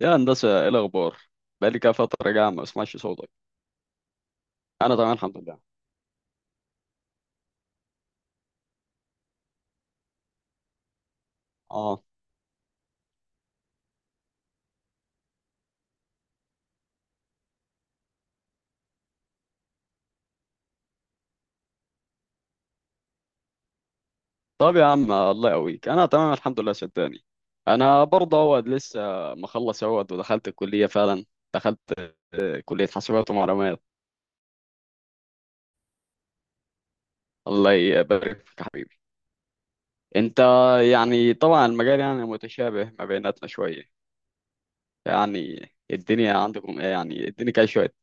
يا هندسة، ايه الأخبار؟ بقالي كده فترة جاية ما بسمعش صوتك. أنا تمام الحمد لله. اه. طب يا عم الله يقويك، أنا تمام الحمد لله صدقني. أنا برضه هو لسه مخلص اهوت ودخلت الكلية فعلا. دخلت كلية حاسبات ومعلومات. الله يبارك فيك يا حبيبي. أنت. يعني طبعا المجال يعني متشابه ما بيناتنا شوية. يعني الدنيا عندكم ايه؟ يعني اديني كده شوية.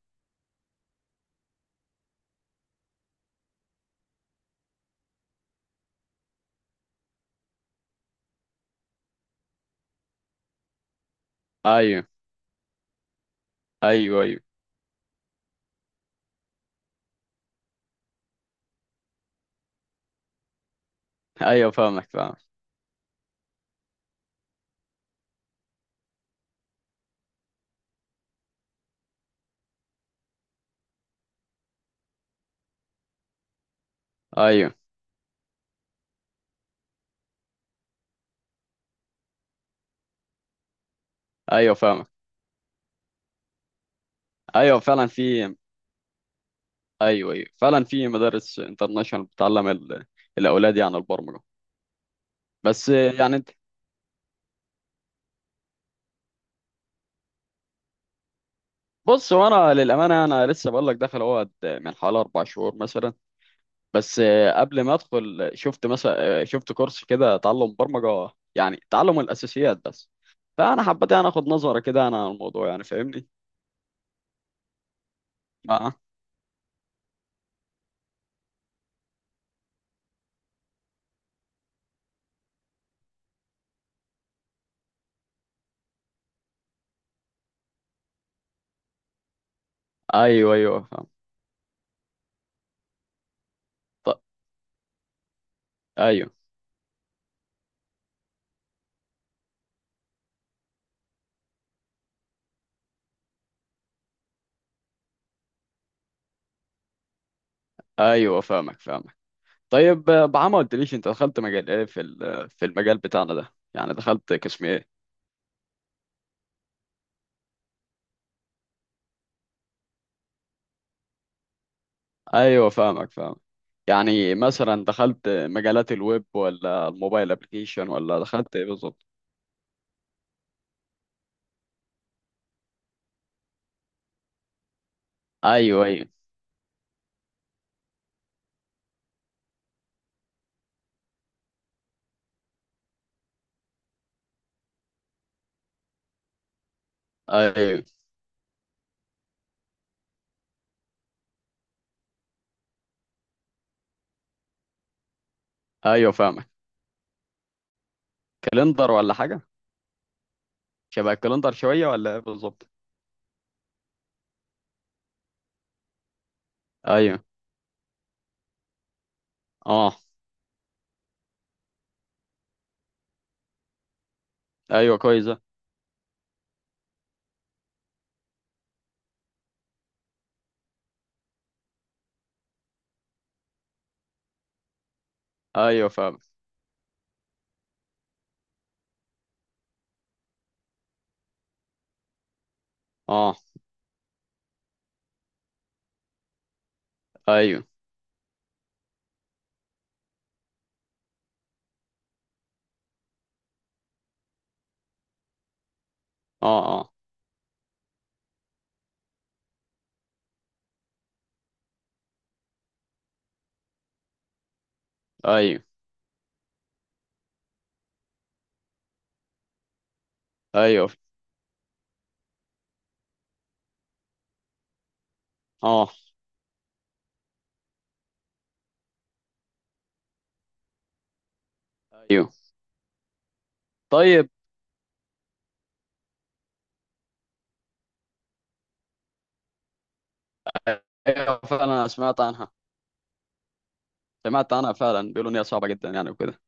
أيوه، أيوه، أيوه، أيوه فاهمك فاهمك. أيوه أيوه فاهمك. أيوه فعلا في. ايوه ايوه فعلا في مدارس انترناشونال بتعلم الاولاد يعني البرمجه. بس يعني انت. بص هو انا للامانه انا لسه بقول لك داخل اهوت من حوالي 4 شهور مثلا. بس قبل ما ادخل شفت مثلا شفت كورس كده تعلم برمجه يعني تعلم الاساسيات بس. فانا حبيت انا اخد نظره كده انا عن الموضوع يعني فاهمني. اه. ايوه ايوه فاهم. ط- ايوه ايوه فاهمك فاهمك. طيب بعمل ما قلتليش انت دخلت مجال ايه في المجال بتاعنا ده؟ يعني دخلت قسم ايه؟ ايوه فاهمك فاهمك. يعني مثلا دخلت مجالات الويب ولا الموبايل ابلكيشن ولا دخلت ايه بالظبط؟ ايوه، ايوه، ايوه، ايوه فاهمك. كالندر ولا حاجه؟ شبه الكالندر شويه ولا ايه بالظبط؟ ايوه. اه. ايوه كويس ده. ايوه فاهمك. اه. ايوه. اه. اه. ايوه ايوه. اه. ايوه. طيب. ايوه فعلا سمعت عنها فعلا بيقولوا ان هي صعبه جدا يعني وكده.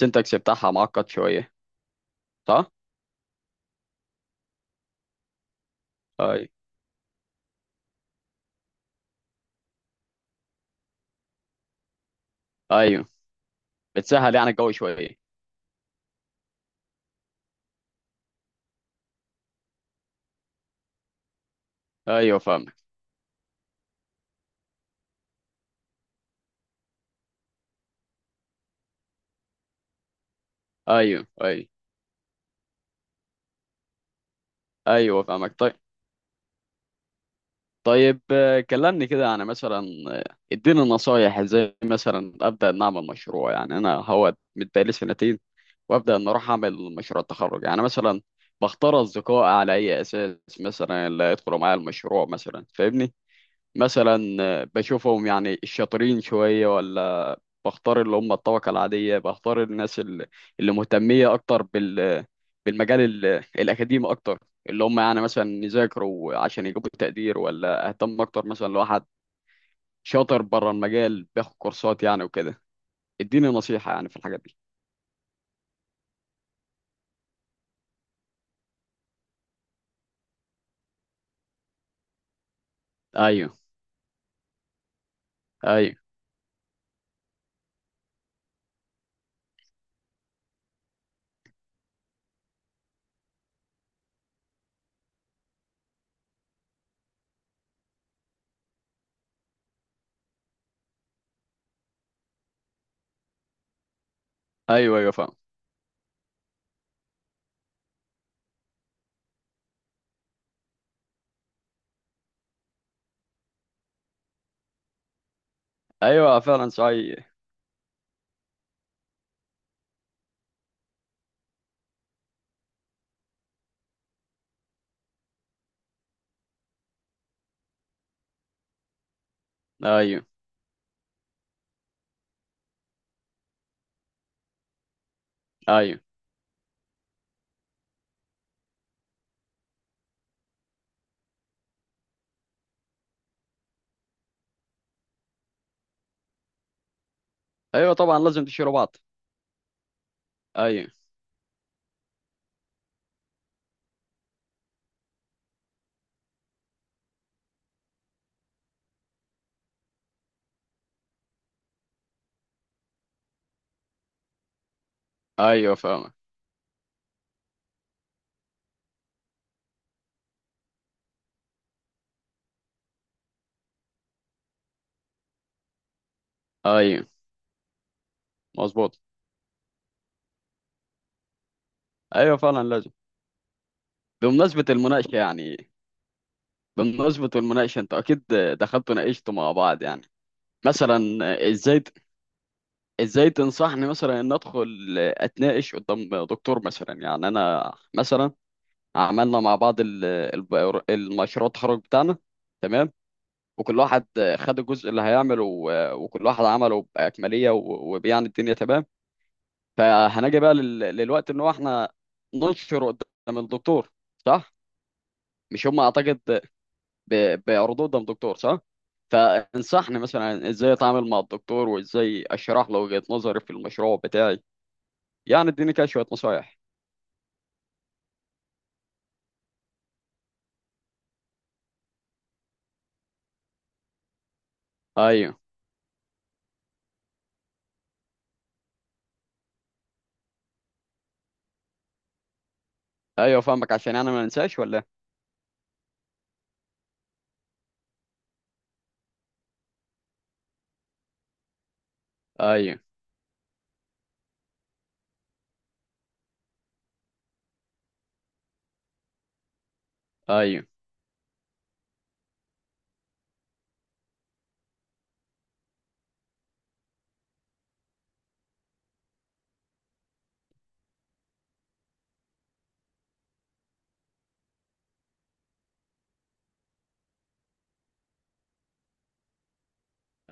السنتكس بتاعها معقد شويه، صح؟ ايوه ايوه بتسهل يعني الجو شويه. ايوه فاهمك. ايوه ايوه ايوه فاهمك. طيب. طيب كلمني كده يعني مثلا. اديني نصايح ازاي مثلا ابدا ان اعمل مشروع، يعني انا هو متبقالي سنتين وابدا ان اروح اعمل مشروع التخرج يعني مثلا. بختار اصدقاء على اي اساس مثلا اللي يدخلوا معايا المشروع؟ مثلا فاهمني. مثلا بشوفهم يعني الشاطرين شويه، ولا بختار اللي هم الطبقة العادية؟ بختار الناس اللي مهتمية أكتر بالمجال الأكاديمي أكتر، اللي هم يعني مثلا يذاكروا عشان يجيبوا تقدير؟ ولا أهتم أكتر مثلا لو واحد شاطر بره المجال بياخد كورسات يعني وكده؟ اديني نصيحة يعني في الحاجات دي. أيوه، أيوه، أيوه، أيوه فاهم. أيوه فعلا صحيح. أيوه أيوه. أيوه طبعا لازم تشيلوا بعض. أيوه أيوه فاهم. أيوه مظبوط. أيوه فعلا لازم. بمناسبة المناقشة يعني. بمناسبة المناقشة انت اكيد دخلت وناقشت مع بعض يعني. مثلا ازاي ازاي تنصحني مثلا ان ادخل اتناقش قدام دكتور؟ مثلا يعني انا مثلا عملنا مع بعض المشروع التخرج بتاعنا، تمام، وكل واحد خد الجزء اللي هيعمله و- وكل واحد عمله بأكملية و- وبيعني الدنيا تمام. فهنجي بقى للوقت ان هو احنا ننشر قدام الدكتور، صح؟ مش هم اعتقد بردود الدكتور، صح؟ فانصحني مثلا ازاي اتعامل مع الدكتور وازاي اشرح له وجهة نظري في المشروع بتاعي. يعني اديني كده شوية نصايح. ايوه ايوه فاهمك، عشان انا ما انساش ولا. ايوه، ايوه،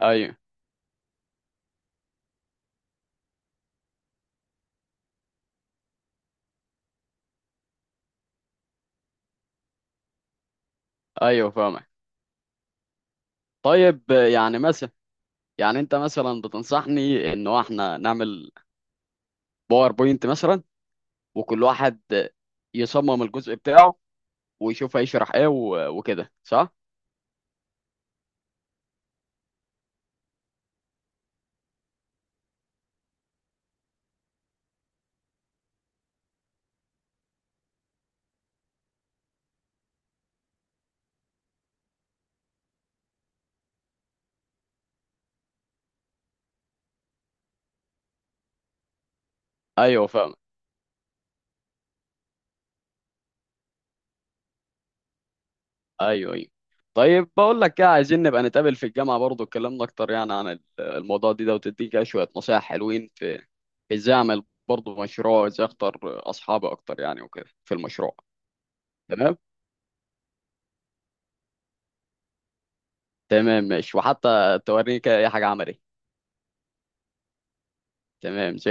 ايوه، ايوه فاهمك. طيب يعني مثلا. يعني انت مثلا بتنصحني انه احنا نعمل باوربوينت مثلا، وكل واحد يصمم الجزء بتاعه ويشوف هيشرح ايه وكده، صح؟ ايوه فاهم. ايوه ايوه. طيب بقول لك ايه، عايزين نبقى نتقابل في الجامعه برضو، اتكلمنا اكتر يعني عن الموضوع ده وتديك كده شويه نصايح حلوين في ازاي اعمل برضو مشروع وازاي اختار اصحابي اكتر يعني، وكده في المشروع. تمام. تمام ماشي وحتى توريني كده اي حاجه عملي. تمام.